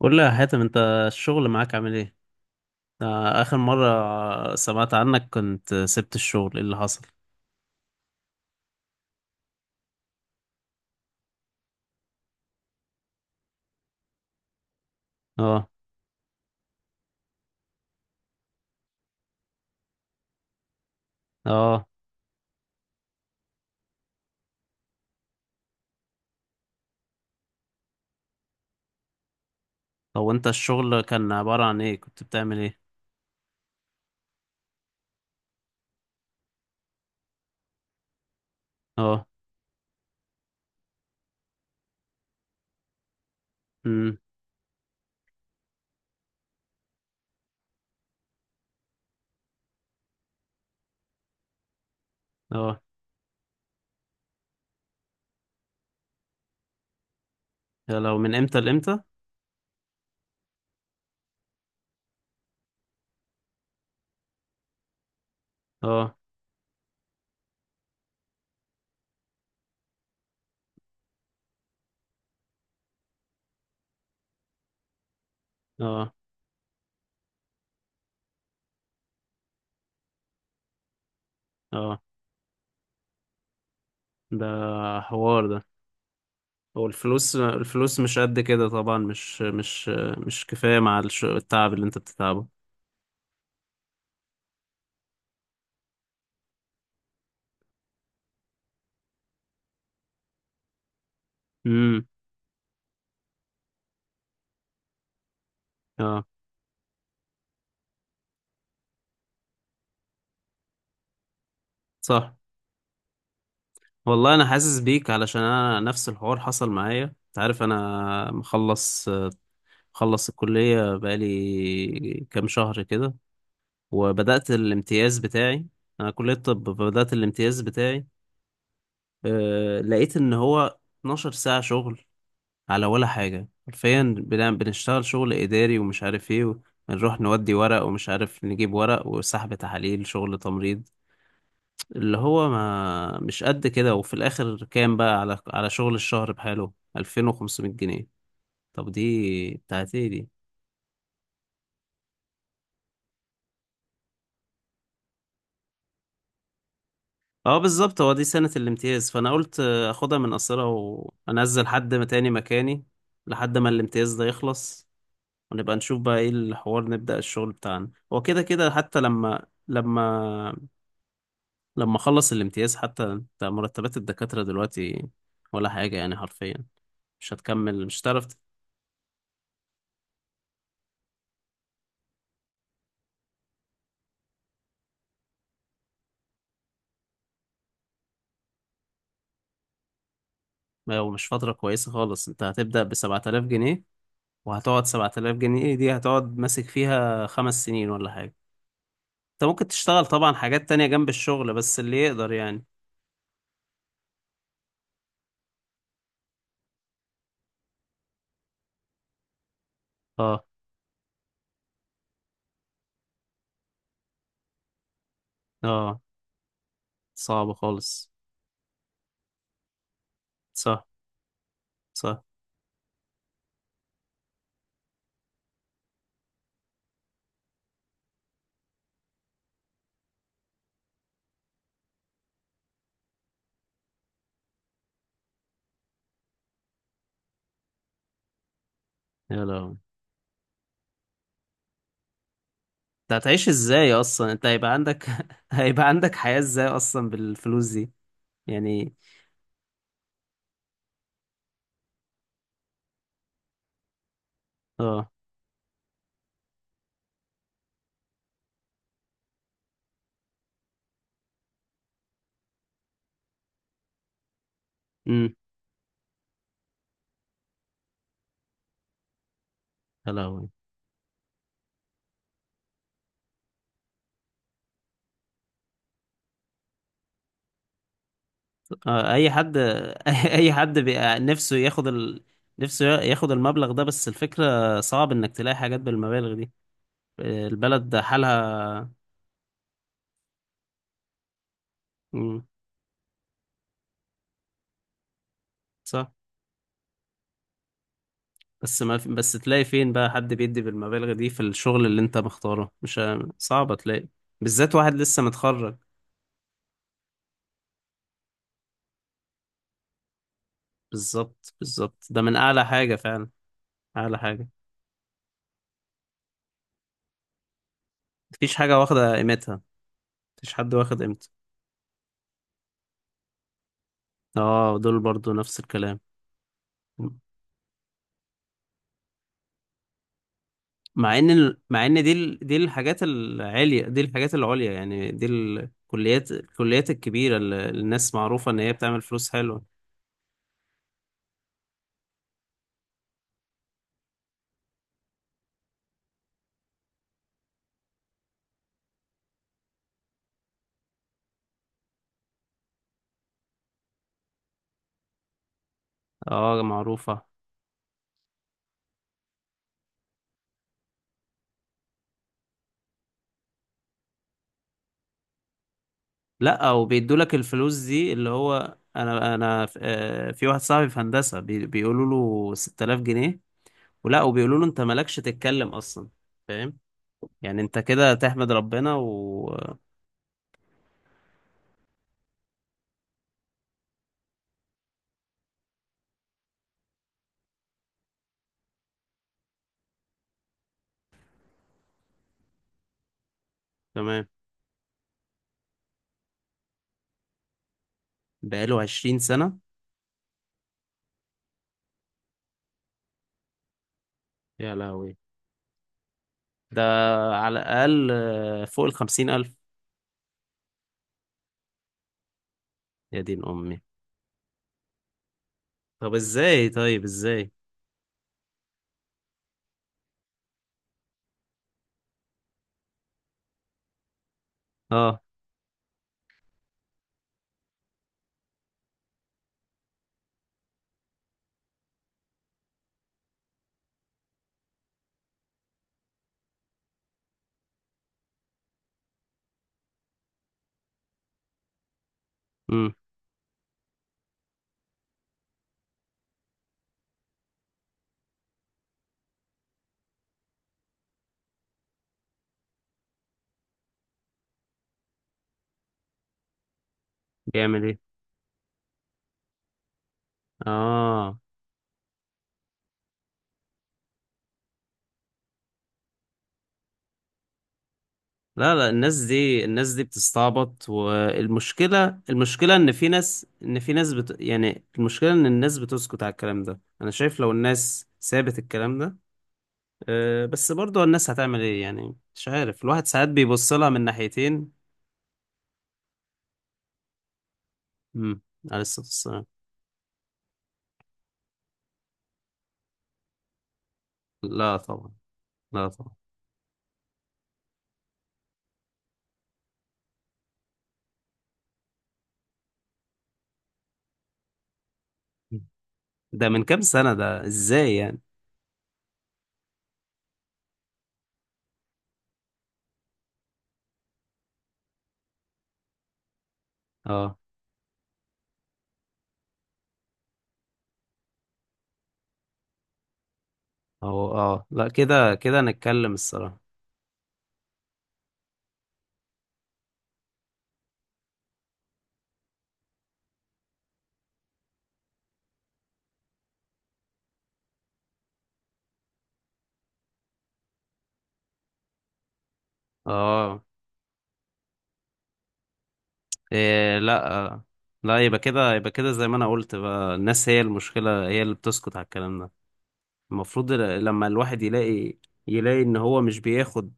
قول لي يا حاتم، انت الشغل معاك عامل ايه؟ آه، اخر مرة سمعت عنك كنت سبت الشغل، ايه اللي حصل؟ اه. اه. هو انت الشغل كان عبارة عن ايه؟ كنت بتعمل ايه؟ اه. امم. اه. يا لو من امتى لامتى؟ اه. اه. اه. ده حوار ده. هو الفلوس مش قد كده طبعا، مش كفاية مع التعب اللي انت بتتعبه. امم. اه. صح. والله انا حاسس بيك، علشان انا نفس الحوار حصل معايا. انت عارف، انا مخلص الكلية بقالي كام شهر كده، وبدأت الامتياز بتاعي. انا كلية طب، بدأت الامتياز بتاعي. أه، لقيت ان هو 12 ساعة شغل على ولا حاجة حرفيا، بنشتغل شغل اداري ومش عارف ايه، ونروح نودي ورق ومش عارف نجيب ورق، وسحب تحاليل، شغل تمريض اللي هو ما مش قد كده. وفي الاخر كام بقى على شغل الشهر بحاله؟ 2500 جنيه. طب دي بتاعت ايه دي؟ اه. بالظبط، هو دي سنة الامتياز، فانا قلت اخدها من قصيرها وانزل حد ما تاني مكاني، لحد ما الامتياز ده يخلص، ونبقى نشوف بقى ايه الحوار. نبدأ الشغل بتاعنا، هو كده كده، حتى لما اخلص الامتياز. حتى انت، مرتبات الدكاترة دلوقتي ولا حاجة يعني حرفيا، مش هتكمل، مش هتعرف. لو مش فترة كويسة خالص، انت هتبدأ بـ7,000 جنيه، وهتقعد 7,000 جنيه. ايه دي؟ هتقعد ماسك فيها 5 سنين ولا حاجة. انت ممكن تشتغل طبعا حاجات تانية جنب الشغل، بس اللي يقدر يعني. اه. اه. صعب خالص. صح. صح. يا لهوي، انت هتعيش ازاي اصلا؟ انت هيبقى عندك هيبقى عندك حياة ازاي اصلا بالفلوس دي يعني؟ اه. امم. يا لهوي. اه، اي حد اي حد بيبقى نفسه ياخد ال... نفسه ياخد المبلغ ده، بس الفكرة صعب انك تلاقي حاجات بالمبالغ دي. آه، البلد حالها. مم، صح. بس ما في... بس تلاقي فين بقى حد بيدي بالمبالغ دي في الشغل اللي انت مختاره؟ مش ه- صعب تلاقي، بالذات واحد لسه متخرج. بالظبط، بالظبط، ده من اعلى حاجة فعلا. اعلى حاجة. مفيش حاجة واخدة قيمتها. مفيش حد واخد قيمته. اه، دول برضو نفس الكلام. مع ان دي ال- دي الحاجات العليا، دي الحاجات العليا يعني، دي الكليات الكبيره اللي الناس معروفه ان هي بتعمل فلوس حلوه. اه، معروفه. لا، وبيدوا لك الفلوس دي، اللي هو انا في واحد صاحبي في هندسه بيقولوا له 6000 جنيه، ولا وبيقولوا له انت مالكش تتكلم اصلا. فاهم؟ يعني انت كده تحمد ربنا وتمام. بقاله 20 سنه يا لهوي؟ ده على الاقل فوق ال 50,000. يا دين امي. طب ازاي؟ طيب ازاي؟ اه. امم. بيعمل ايه؟ اه. لا، لا، الناس دي بتستعبط. والمشكلة ان في ناس ان في ناس بت... يعني المشكلة ان الناس بتسكت على الكلام ده. انا شايف لو الناس سابت الكلام ده. أه، بس برضه الناس هتعمل ايه يعني؟ مش عارف، الواحد ساعات بيبص لها من ناحيتين. امم. عليه الصلاة والسلام. لا طبعا، لا طبعا. ده من كام سنة؟ ده ازاي يعني؟ اه. اه. اه. لا، كده كده نتكلم الصراحة. اه. إيه؟ لا. آه، لا، يبقى كده زي ما انا قلت بقى. الناس هي المشكلة، هي اللي بتسكت على الكلام ده. المفروض لما الواحد يلاقي ان هو مش بياخد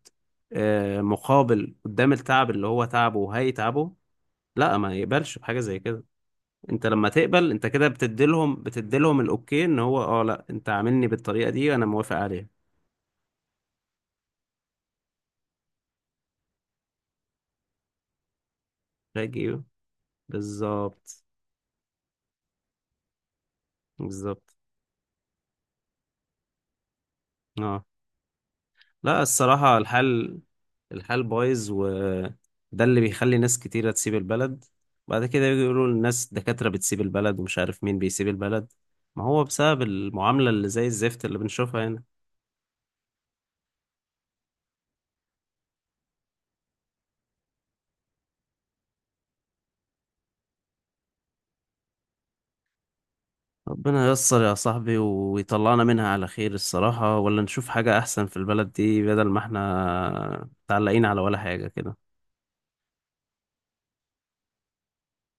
آه، مقابل قدام التعب اللي هو تعبه وهيتعبه، لا ما يقبلش بحاجة زي كده. انت لما تقبل، انت كده بتديلهم الاوكي، ان هو اه لا، انت عاملني بالطريقة دي وانا موافق عليها. فاجي. بالظبط، بالظبط. اه. لا، الصراحة الحال بايظ، وده اللي بيخلي ناس كتيرة تسيب البلد. بعد كده يجوا يقولوا الناس دكاترة بتسيب البلد ومش عارف مين بيسيب البلد. ما هو بسبب المعاملة اللي زي الزفت اللي بنشوفها هنا. ربنا ييسر يا صاحبي ويطلعنا منها على خير الصراحة، ولا نشوف حاجة أحسن في البلد دي، بدل ما احنا متعلقين على ولا حاجة كده.